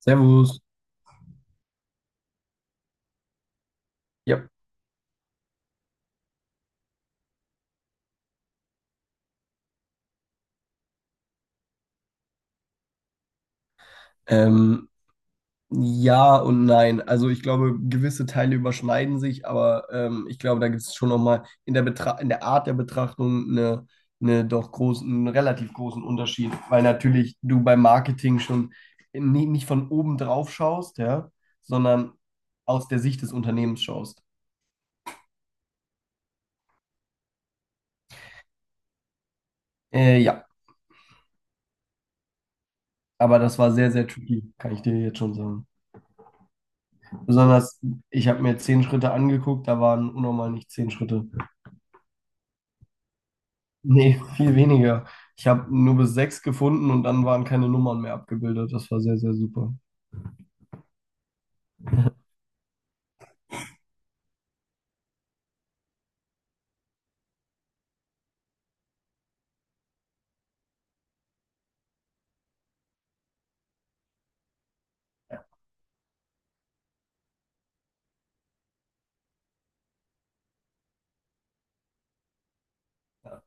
Servus. Ja. Ähm, ja und nein. Also ich glaube, gewisse Teile überschneiden sich, aber ich glaube, da gibt es schon nochmal in der Art der Betrachtung eine doch großen, einen relativ großen Unterschied, weil natürlich du beim Marketing schon nie, nicht von oben drauf schaust, ja, sondern aus der Sicht des Unternehmens schaust. Ja, aber das war sehr, sehr tricky, kann ich dir jetzt schon sagen. Besonders, ich habe mir zehn Schritte angeguckt, da waren unnormal nicht zehn Schritte. Nee, viel weniger. Ich habe nur bis sechs gefunden und dann waren keine Nummern mehr abgebildet. Das war sehr, sehr super. Okay.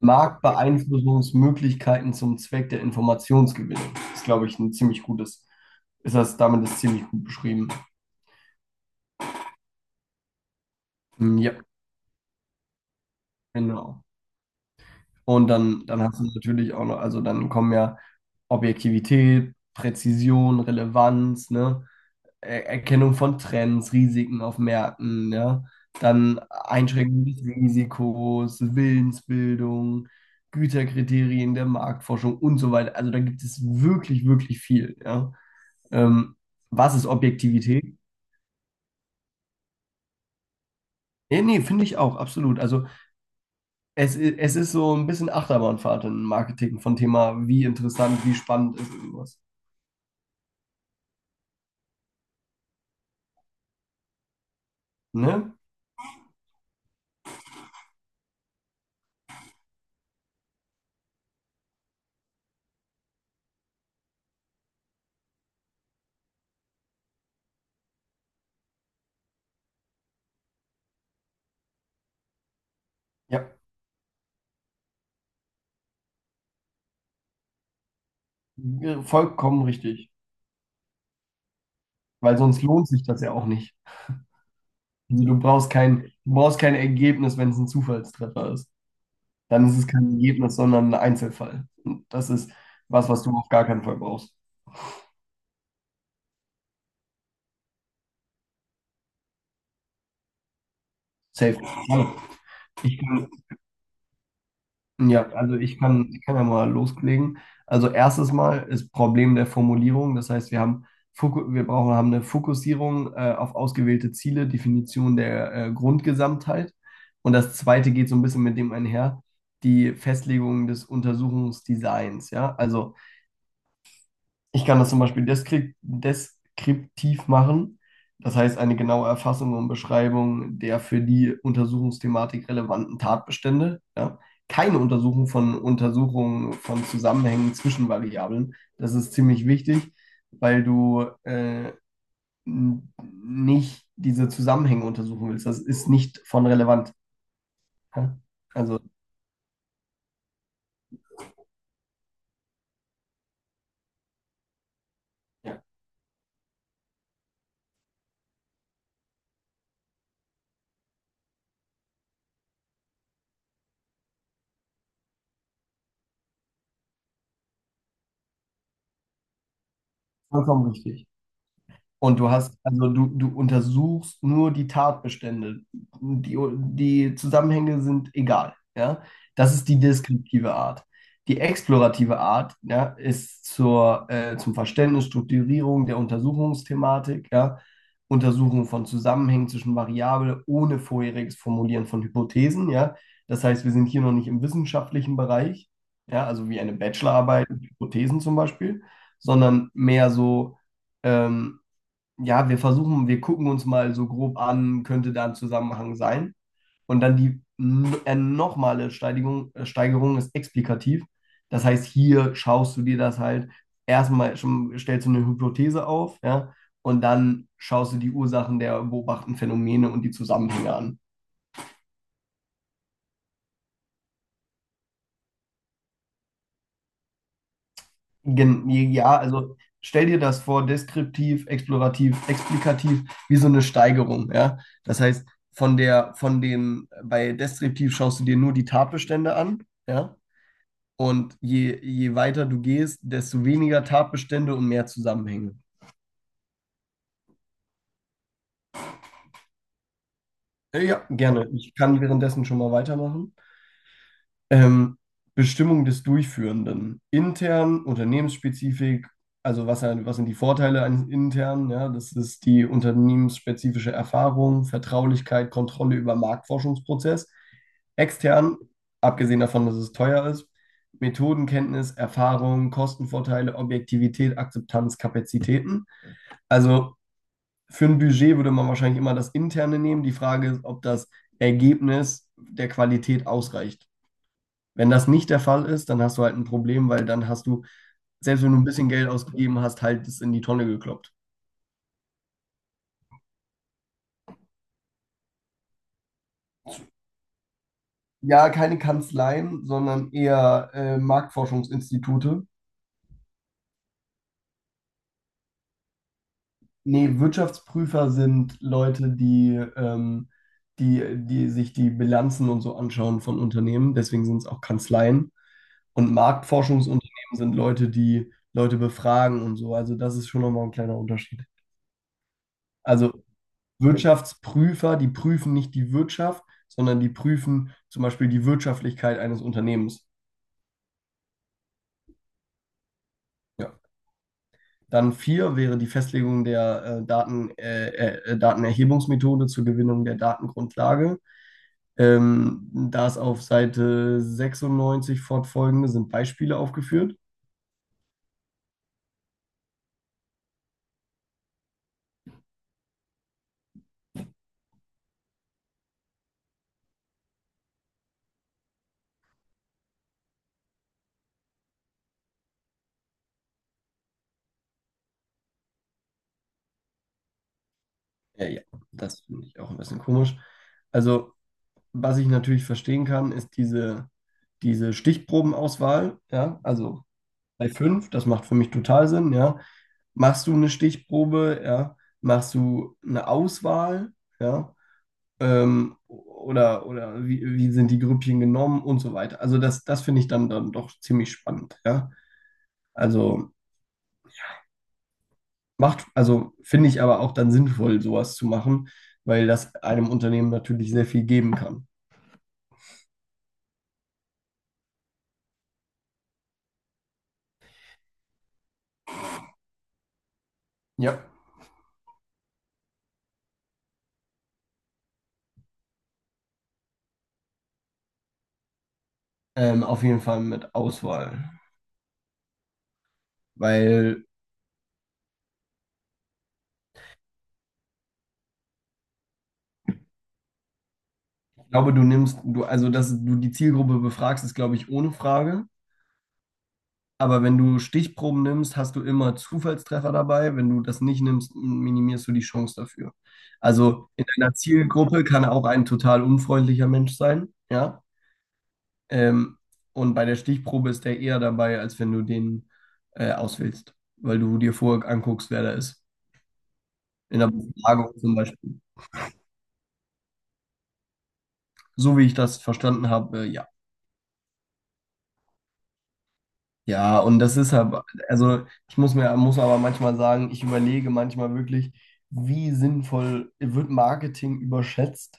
Marktbeeinflussungsmöglichkeiten zum Zweck der Informationsgewinnung. Ist, glaube ich, ein ziemlich damit ist ziemlich gut beschrieben. Mm. Ja, genau. Und dann hast du natürlich auch noch, also dann kommen ja Objektivität, Präzision, Relevanz, ne? Erkennung von Trends, Risiken auf Märkten, ja. Dann Einschränkung des Risikos, Willensbildung, Güterkriterien der Marktforschung und so weiter. Also da gibt es wirklich, wirklich viel, ja. Ähm, Was ist Objektivität? Nee, nee, finde ich auch, absolut. Also es ist so ein bisschen Achterbahnfahrt im Marketing von Thema, wie interessant, wie spannend ist irgendwas. Ne? Ja, vollkommen richtig. Weil sonst lohnt sich das ja auch nicht. Also du brauchst kein Ergebnis, wenn es ein Zufallstreffer ist. Dann ist es kein Ergebnis, sondern ein Einzelfall. Und das ist was, was du auf gar keinen Fall brauchst. Safe. Also ich kann, ja, also ich kann ja mal loslegen. Also erstes Mal ist Problem der Formulierung. Das heißt, wir haben Foku- wir brauchen haben eine Fokussierung auf ausgewählte Ziele, Definition der Grundgesamtheit. Und das zweite geht so ein bisschen mit dem einher, die Festlegung des Untersuchungsdesigns. Ja, also ich kann das zum Beispiel deskriptiv machen, das heißt eine genaue Erfassung und Beschreibung der für die Untersuchungsthematik relevanten Tatbestände. Ja. Keine Untersuchung von Untersuchungen von Zusammenhängen zwischen Variablen. Das ist ziemlich wichtig, weil du nicht diese Zusammenhänge untersuchen willst. Das ist nicht von relevant. Ja. Also ja, vollkommen richtig. Und du hast, also du untersuchst nur die Tatbestände. Die, die Zusammenhänge sind egal, ja. Das ist die deskriptive Art. Die explorative Art, ja, ist zum Verständnis, Strukturierung der Untersuchungsthematik, ja, Untersuchung von Zusammenhängen zwischen Variablen ohne vorheriges Formulieren von Hypothesen, ja. Das heißt, wir sind hier noch nicht im wissenschaftlichen Bereich, ja, also wie eine Bachelorarbeit mit Hypothesen zum Beispiel, sondern mehr so ähm, ja, wir versuchen, wir gucken uns mal so grob an, könnte da ein Zusammenhang sein. Und dann die nochmale Steigerung ist explikativ. Das heißt, hier schaust du dir das halt erstmal schon, stellst du eine Hypothese auf, ja, und dann schaust du die Ursachen der beobachteten Phänomene und die Zusammenhänge an. Gen ja, also stell dir das vor, deskriptiv, explorativ, explikativ, wie so eine Steigerung, ja. Das heißt, von der, von dem, bei deskriptiv schaust du dir nur die Tatbestände an, ja. Und je, je weiter du gehst, desto weniger Tatbestände und mehr Zusammenhänge. Ja, gerne. Ich kann währenddessen schon mal weitermachen. Ähm, Bestimmung des Durchführenden. Intern, unternehmensspezifisch, also was sind die Vorteile eines internen? Ja, das ist die unternehmensspezifische Erfahrung, Vertraulichkeit, Kontrolle über Marktforschungsprozess. Extern, abgesehen davon, dass es teuer ist, Methodenkenntnis, Erfahrung, Kostenvorteile, Objektivität, Akzeptanz, Kapazitäten. Also für ein Budget würde man wahrscheinlich immer das Interne nehmen. Die Frage ist, ob das Ergebnis der Qualität ausreicht. Wenn das nicht der Fall ist, dann hast du halt ein Problem, weil dann hast du, selbst wenn du ein bisschen Geld ausgegeben hast, halt das in die Tonne gekloppt. Ja, keine Kanzleien, sondern eher Marktforschungsinstitute. Nee, Wirtschaftsprüfer sind Leute, die sich die Bilanzen und so anschauen von Unternehmen. Deswegen sind es auch Kanzleien. Und Marktforschungsunternehmen sind Leute, die Leute befragen und so. Also das ist schon nochmal ein kleiner Unterschied. Also Wirtschaftsprüfer, die prüfen nicht die Wirtschaft, sondern die prüfen zum Beispiel die Wirtschaftlichkeit eines Unternehmens. Ja. Dann vier wäre die Festlegung der Datenerhebungsmethode zur Gewinnung der Datengrundlage. Da ist auf Seite 96 fortfolgende sind Beispiele aufgeführt. Ja, ja, das finde ich auch ein bisschen komisch. Also, was ich natürlich verstehen kann, ist diese Stichprobenauswahl. Ja, also bei fünf, das macht für mich total Sinn, ja. Machst du eine Stichprobe, ja? Machst du eine Auswahl, ja? Oder wie, wie sind die Grüppchen genommen und so weiter. Also das finde ich dann doch ziemlich spannend, ja. Also macht, also finde ich aber auch dann sinnvoll, sowas zu machen, weil das einem Unternehmen natürlich sehr viel geben kann. Ja. Auf jeden Fall mit Auswahl. Weil ich glaube, also dass du die Zielgruppe befragst, ist, glaube ich, ohne Frage. Aber wenn du Stichproben nimmst, hast du immer Zufallstreffer dabei. Wenn du das nicht nimmst, minimierst du die Chance dafür. Also in deiner Zielgruppe kann auch ein total unfreundlicher Mensch sein, ja. Ähm, und bei der Stichprobe ist der eher dabei, als wenn du den auswählst, weil du dir vorher anguckst, wer da ist. In der Befragung zum Beispiel. So wie ich das verstanden habe, ja. Ja, und das ist halt, also muss aber manchmal sagen, ich überlege manchmal wirklich, wie sinnvoll wird Marketing überschätzt.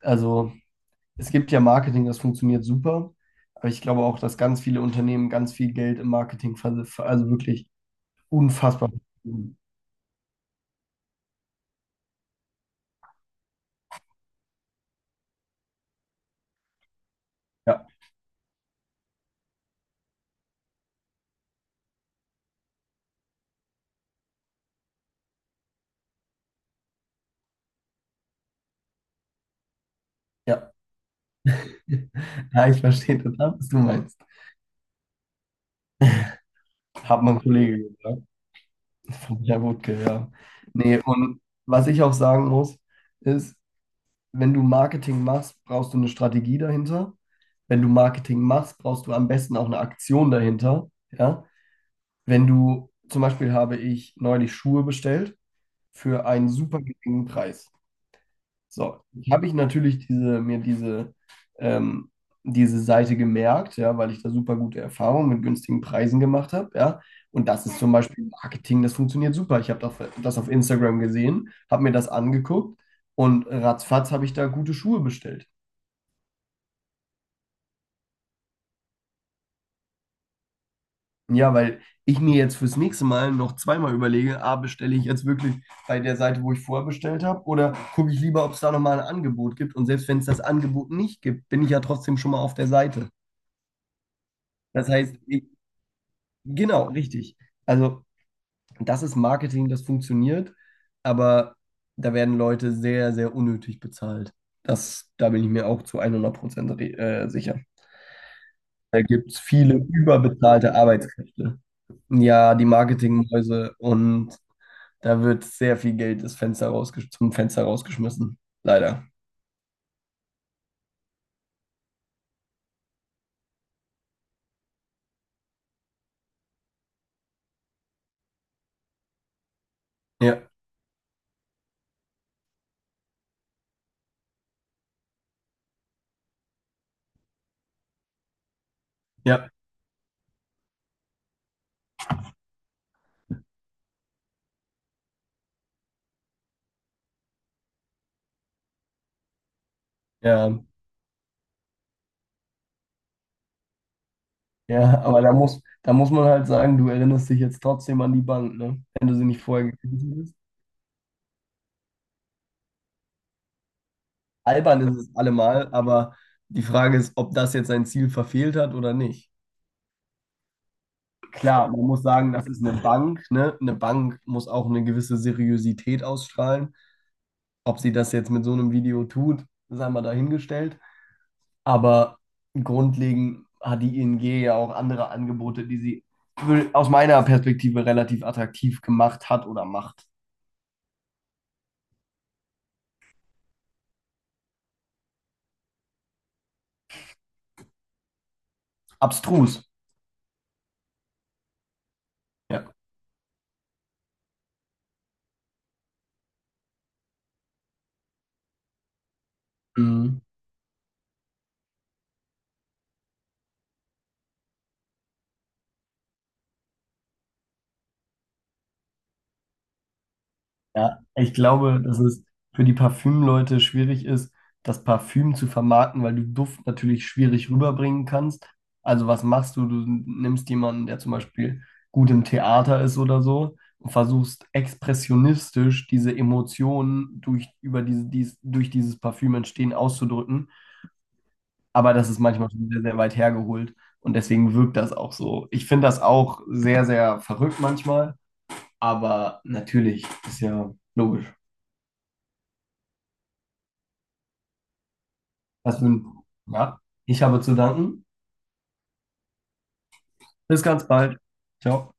Also es gibt ja Marketing, das funktioniert super, aber ich glaube auch, dass ganz viele Unternehmen ganz viel Geld im Marketing also wirklich unfassbar. Ja, ja. Ja, ich verstehe total, was du meinst. Hat mein Kollege gesagt, von Herr Wutke, ja. Nee, und was ich auch sagen muss, ist, wenn du Marketing machst, brauchst du eine Strategie dahinter. Wenn du Marketing machst, brauchst du am besten auch eine Aktion dahinter. Ja? Wenn du, zum Beispiel habe ich neulich Schuhe bestellt für einen super geringen Preis. So, habe ich natürlich mir ähm, diese Seite gemerkt, ja, weil ich da super gute Erfahrungen mit günstigen Preisen gemacht habe, ja. Und das ist zum Beispiel Marketing, das funktioniert super. Ich habe das auf Instagram gesehen, habe mir das angeguckt und ratzfatz habe ich da gute Schuhe bestellt. Ja, weil ich mir jetzt fürs nächste Mal noch zweimal überlege, ah, bestelle ich jetzt wirklich bei der Seite, wo ich vorher bestellt habe, oder gucke ich lieber, ob es da nochmal ein Angebot gibt. Und selbst wenn es das Angebot nicht gibt, bin ich ja trotzdem schon mal auf der Seite. Das heißt, genau, richtig. Also, das ist Marketing, das funktioniert, aber da werden Leute sehr, sehr unnötig bezahlt. Da bin ich mir auch zu 100% sicher. Da gibt es viele überbezahlte Arbeitskräfte. Ja, die Marketingmäuse und da wird sehr viel Geld das Fenster rausgesch zum Fenster rausgeschmissen. Leider. Ja, ja, ja. Ja, aber da da muss man halt sagen, du erinnerst dich jetzt trotzdem an die Bank, ne? Wenn du sie nicht vorher gekriegt hast. Albern ist es allemal, aber die Frage ist, ob das jetzt sein Ziel verfehlt hat oder nicht. Klar, man muss sagen, das ist eine Bank, ne? Eine Bank muss auch eine gewisse Seriosität ausstrahlen. Ob sie das jetzt mit so einem Video tut, sei mal dahingestellt. Aber grundlegend hat die ING ja auch andere Angebote, die sie aus meiner Perspektive relativ attraktiv gemacht hat oder macht. Abstrus. Ja. Mhm. Ja, ich glaube, dass es für die Parfümleute schwierig ist, das Parfüm zu vermarkten, weil du Duft natürlich schwierig rüberbringen kannst. Also was machst du? Du nimmst jemanden, der zum Beispiel gut im Theater ist oder so und versuchst expressionistisch diese Emotionen durch dieses Parfüm entstehen auszudrücken. Aber das ist manchmal schon sehr, sehr weit hergeholt und deswegen wirkt das auch so. Ich finde das auch sehr, sehr verrückt manchmal, aber natürlich ist ja logisch. Das wün- ja, ich habe zu danken. Bis ganz bald. Ciao.